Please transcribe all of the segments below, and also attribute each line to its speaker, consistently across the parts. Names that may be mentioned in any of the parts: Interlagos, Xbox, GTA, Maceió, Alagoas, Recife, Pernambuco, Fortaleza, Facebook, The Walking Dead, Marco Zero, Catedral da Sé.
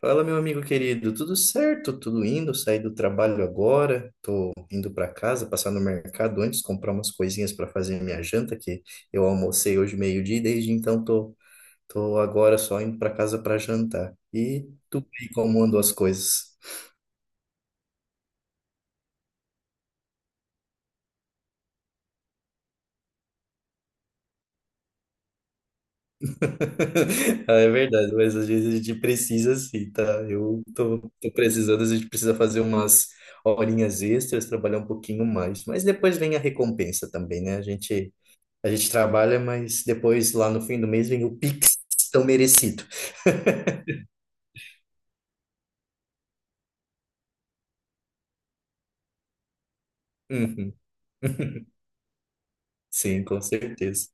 Speaker 1: Fala, meu amigo querido, tudo certo? Tudo indo? Saí do trabalho agora, tô indo para casa, passar no mercado antes, comprar umas coisinhas para fazer minha janta, que eu almocei hoje meio-dia e desde então tô agora só indo para casa para jantar. E tu aí, como andam as coisas? Ah, é verdade, mas às vezes a gente precisa sim, tá? Eu tô precisando, às vezes a gente precisa fazer umas horinhas extras, trabalhar um pouquinho mais, mas depois vem a recompensa também, né? A gente trabalha, mas depois lá no fim do mês vem o Pix tão merecido. Uhum. Sim, com certeza.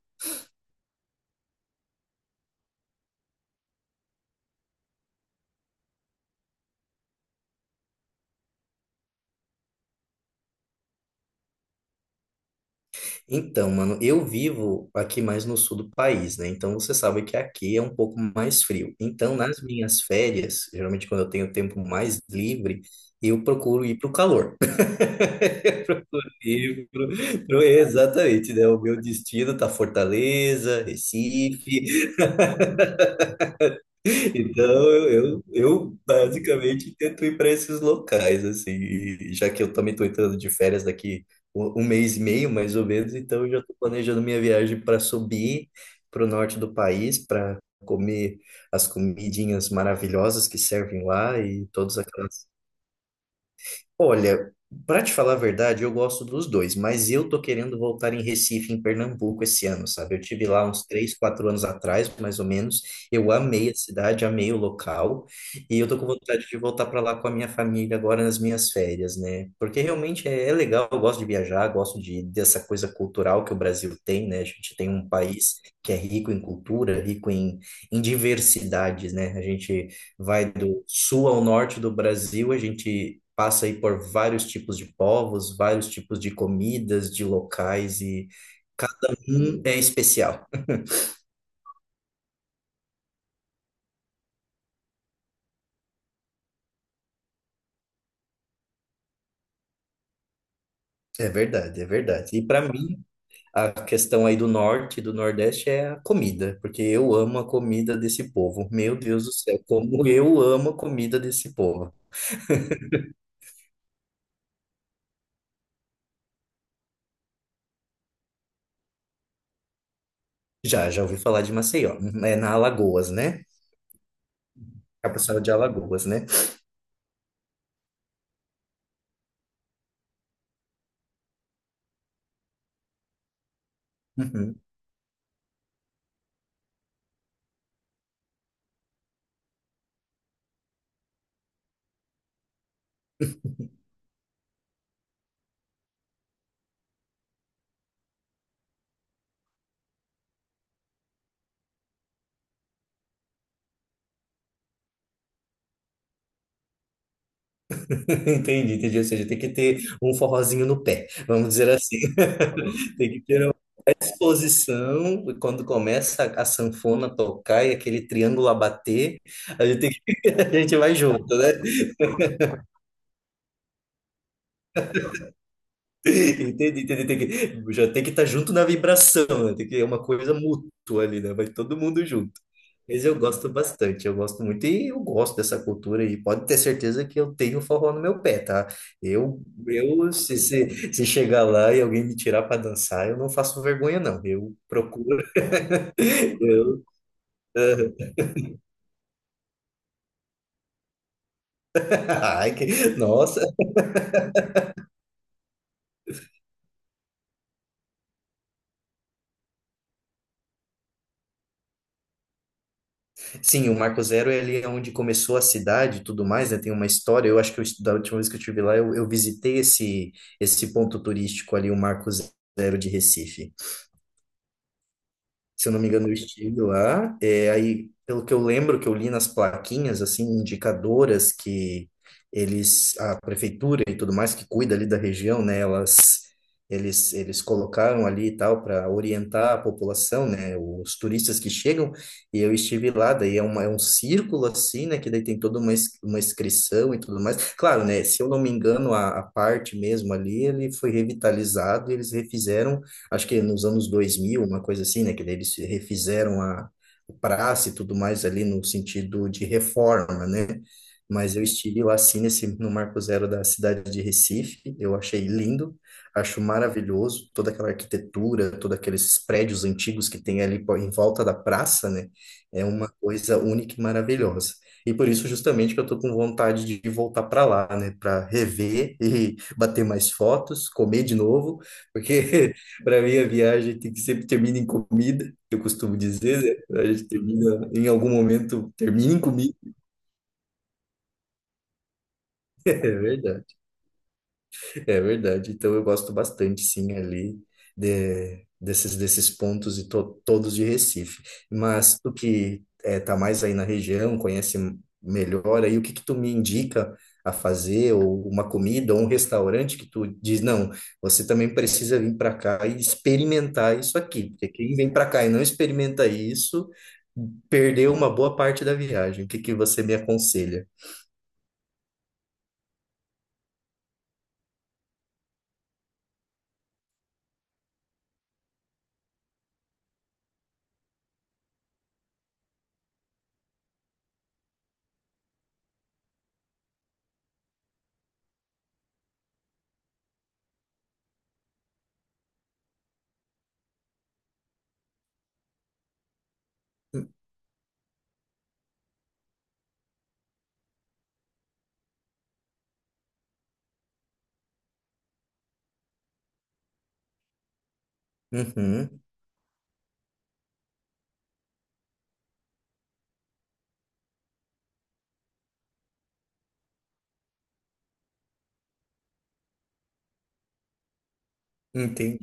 Speaker 1: Então, mano, eu vivo aqui mais no sul do país, né? Então você sabe que aqui é um pouco mais frio. Então, nas minhas férias, geralmente quando eu tenho tempo mais livre, eu procuro ir pro calor. E pro- Exatamente, né? O meu destino tá Fortaleza, Recife. Então, eu basicamente tento ir para esses locais, assim, e já que eu também estou entrando de férias daqui um mês e meio, mais ou menos, então eu já estou planejando minha viagem para subir para o norte do país, para comer as comidinhas maravilhosas que servem lá e todas aquelas. Olha, para te falar a verdade, eu gosto dos dois, mas eu tô querendo voltar em Recife, em Pernambuco, esse ano, sabe? Eu tive lá uns 3, 4 anos atrás, mais ou menos. Eu amei a cidade, amei o local, e eu tô com vontade de voltar para lá com a minha família agora nas minhas férias, né? Porque realmente é legal, eu gosto de viajar, gosto de dessa coisa cultural que o Brasil tem, né? A gente tem um país que é rico em cultura, rico em diversidades, né? A gente vai do sul ao norte do Brasil, a gente passa aí por vários tipos de povos, vários tipos de comidas, de locais e cada um é especial. É verdade, é verdade. E para mim, a questão aí do norte e do nordeste é a comida, porque eu amo a comida desse povo. Meu Deus do céu, como eu amo a comida desse povo. Já, já ouvi falar de Maceió. É na Alagoas, né? Capital de Alagoas, né? Uhum. Entendi, entendi. Ou seja, tem que ter um forrozinho no pé, vamos dizer assim. Tem que ter uma exposição, e quando começa a sanfona a tocar e aquele triângulo a bater, a gente, a gente vai junto, né? Entendi, entendi. Tem que, já tem que estar junto na vibração, né? Tem que é uma coisa mútua ali, né? Vai todo mundo junto. Mas eu gosto bastante, eu gosto muito e eu gosto dessa cultura e pode ter certeza que eu tenho forró no meu pé, tá? Eu se chegar lá e alguém me tirar para dançar, eu não faço vergonha não, eu procuro. Eu, Ai, nossa, sim, o Marco Zero é ali onde começou a cidade e tudo mais, né? Tem uma história. Eu acho que eu, da última vez que eu estive lá, eu visitei esse, esse ponto turístico ali, o Marco Zero de Recife. Se eu não me engano, o estilo lá. É, aí, pelo que eu lembro, que eu li nas plaquinhas, assim, indicadoras que eles, a prefeitura e tudo mais que cuida ali da região, né, elas, eles colocaram ali e tal para orientar a população, né, os turistas que chegam. E eu estive lá, daí é um círculo assim, né, que daí tem toda uma, uma inscrição e tudo mais. Claro, né, se eu não me engano, a parte mesmo ali, ele foi revitalizado, e eles refizeram acho que nos anos 2000 uma coisa assim, né? Que daí eles refizeram a praça e tudo mais ali no sentido de reforma, né? Mas eu estive lá sim nesse, no Marco Zero da cidade de Recife, eu achei lindo, acho maravilhoso toda aquela arquitetura, todos aqueles prédios antigos que tem ali em volta da praça, né? É uma coisa única e maravilhosa. E por isso, justamente, que eu estou com vontade de voltar para lá, né? Para rever e bater mais fotos, comer de novo, porque para mim, a viagem tem que sempre termina em comida, que eu costumo dizer, né? A gente termina, em algum momento, termina em comida. É verdade. É verdade. Então eu gosto bastante, sim, ali desses pontos e todos de Recife. Mas tu que eh, tá mais aí na região, conhece melhor aí, o que que tu me indica a fazer, ou uma comida, ou um restaurante que tu diz, não, você também precisa vir para cá e experimentar isso aqui, porque quem vem para cá e não experimenta isso, perdeu uma boa parte da viagem. O que que você me aconselha? Uhum, entendi.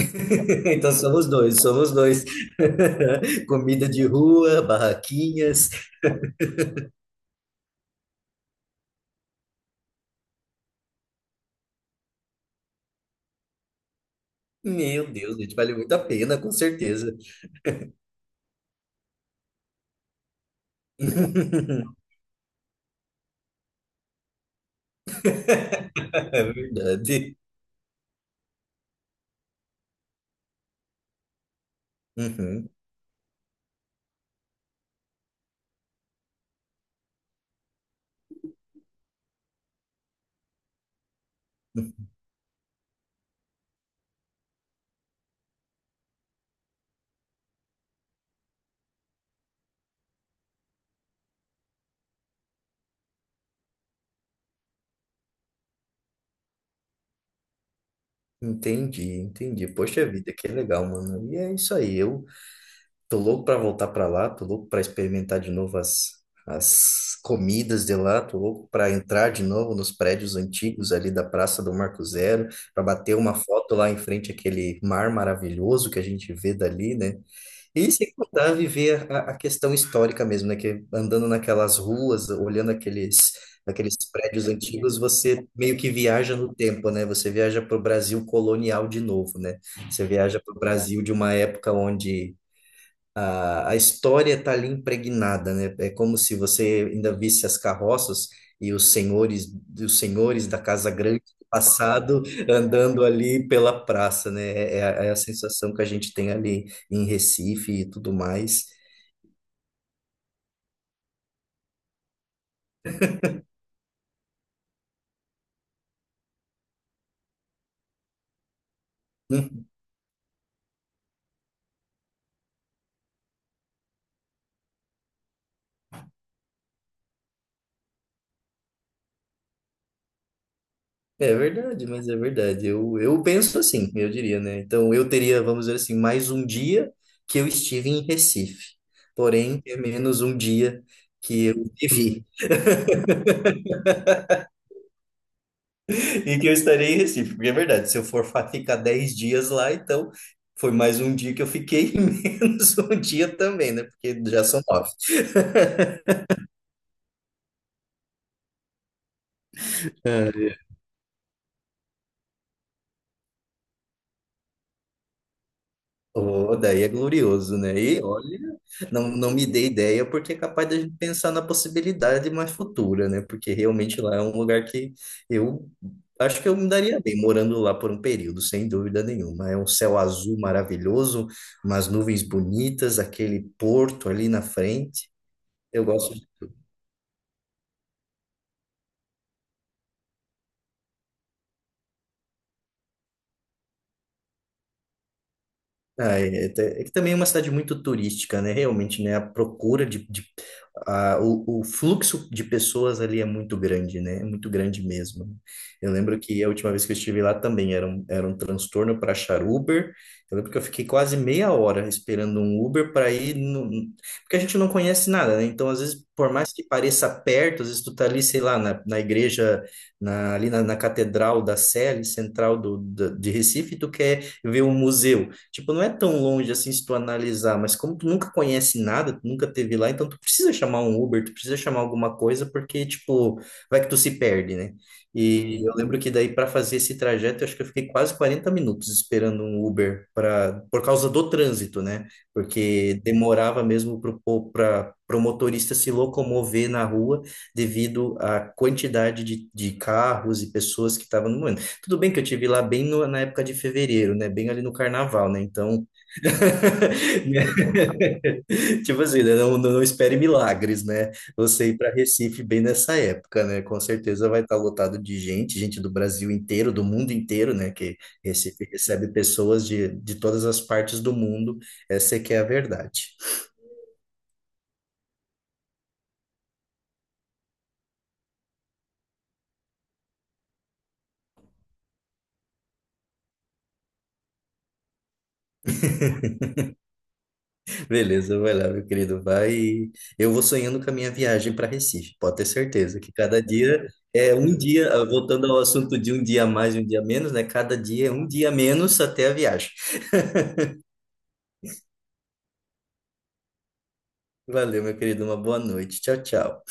Speaker 1: Então somos dois, somos dois. Comida de rua, barraquinhas. Meu Deus, gente, vale muito a pena, com certeza. É verdade. Uhum. Entendi, entendi. Poxa vida, que legal, mano. E é isso aí. Eu tô louco pra voltar pra lá, tô louco pra experimentar de novo as, as comidas de lá, tô louco pra entrar de novo nos prédios antigos ali da Praça do Marco Zero, pra bater uma foto lá em frente àquele mar maravilhoso que a gente vê dali, né? E sem contar viver a questão histórica mesmo, né? Que andando naquelas ruas, olhando aqueles prédios antigos, você meio que viaja no tempo, né? Você viaja para o Brasil colonial de novo, né? Você viaja para o Brasil de uma época onde a história está ali impregnada, né? É como se você ainda visse as carroças e os senhores da Casa Grande do passado andando ali pela praça, né? É a sensação que a gente tem ali em Recife e tudo mais. Uhum. É verdade, mas é verdade. Eu penso assim, eu diria, né? Então eu teria, vamos dizer assim, mais um dia que eu estive em Recife, porém é menos um dia que eu vivi. E que eu estarei em Recife, porque é verdade, se eu for ficar 10 dias lá, então foi mais um dia que eu fiquei, e menos um dia também, né? Porque já são nove. É, oh, daí é glorioso, né? E olha, não, não me dei ideia, porque é capaz da gente pensar na possibilidade mais futura, né? Porque realmente lá é um lugar que eu acho que eu me daria bem morando lá por um período, sem dúvida nenhuma. É um céu azul maravilhoso, umas nuvens bonitas, aquele porto ali na frente. Eu gosto. Ah, é que também é uma cidade muito turística, né? Realmente, né? A procura de a, o fluxo de pessoas ali é muito grande, né? É muito grande mesmo. Eu lembro que a última vez que eu estive lá também era um transtorno para achar Uber. Eu lembro que eu fiquei quase meia hora esperando um Uber para ir no... porque a gente não conhece nada, né? Então, às vezes, por mais que pareça perto, às vezes tu tá ali, sei lá, na igreja, ali na Catedral da Sé, ali central de Recife, tu quer ver um museu. Tipo, não é tão longe assim se tu analisar, mas como tu nunca conhece nada, tu nunca teve lá, então tu precisa chamar um Uber, tu precisa chamar alguma coisa, porque, tipo, vai que tu se perde, né? E eu lembro que daí para fazer esse trajeto, eu acho que eu fiquei quase 40 minutos esperando um Uber para por causa do trânsito, né? Porque demorava mesmo para o motorista se locomover na rua devido à quantidade de carros e pessoas que estavam no momento. Tudo bem que eu tive lá bem na época de fevereiro, né? Bem ali no carnaval, né? Então, tipo assim, né? Não, não espere milagres, né? Você ir para Recife bem nessa época, né? Com certeza vai estar lotado de gente, gente do Brasil inteiro, do mundo inteiro, né? Que Recife recebe pessoas de todas as partes do mundo. Essa é que é a verdade. Beleza, vai lá, meu querido. Vai. E eu vou sonhando com a minha viagem para Recife. Pode ter certeza que cada dia é um dia, ah, voltando ao assunto de um dia a mais, e um dia a menos, né? Cada dia é um dia a menos até a viagem. Valeu, meu querido. Uma boa noite. Tchau, tchau.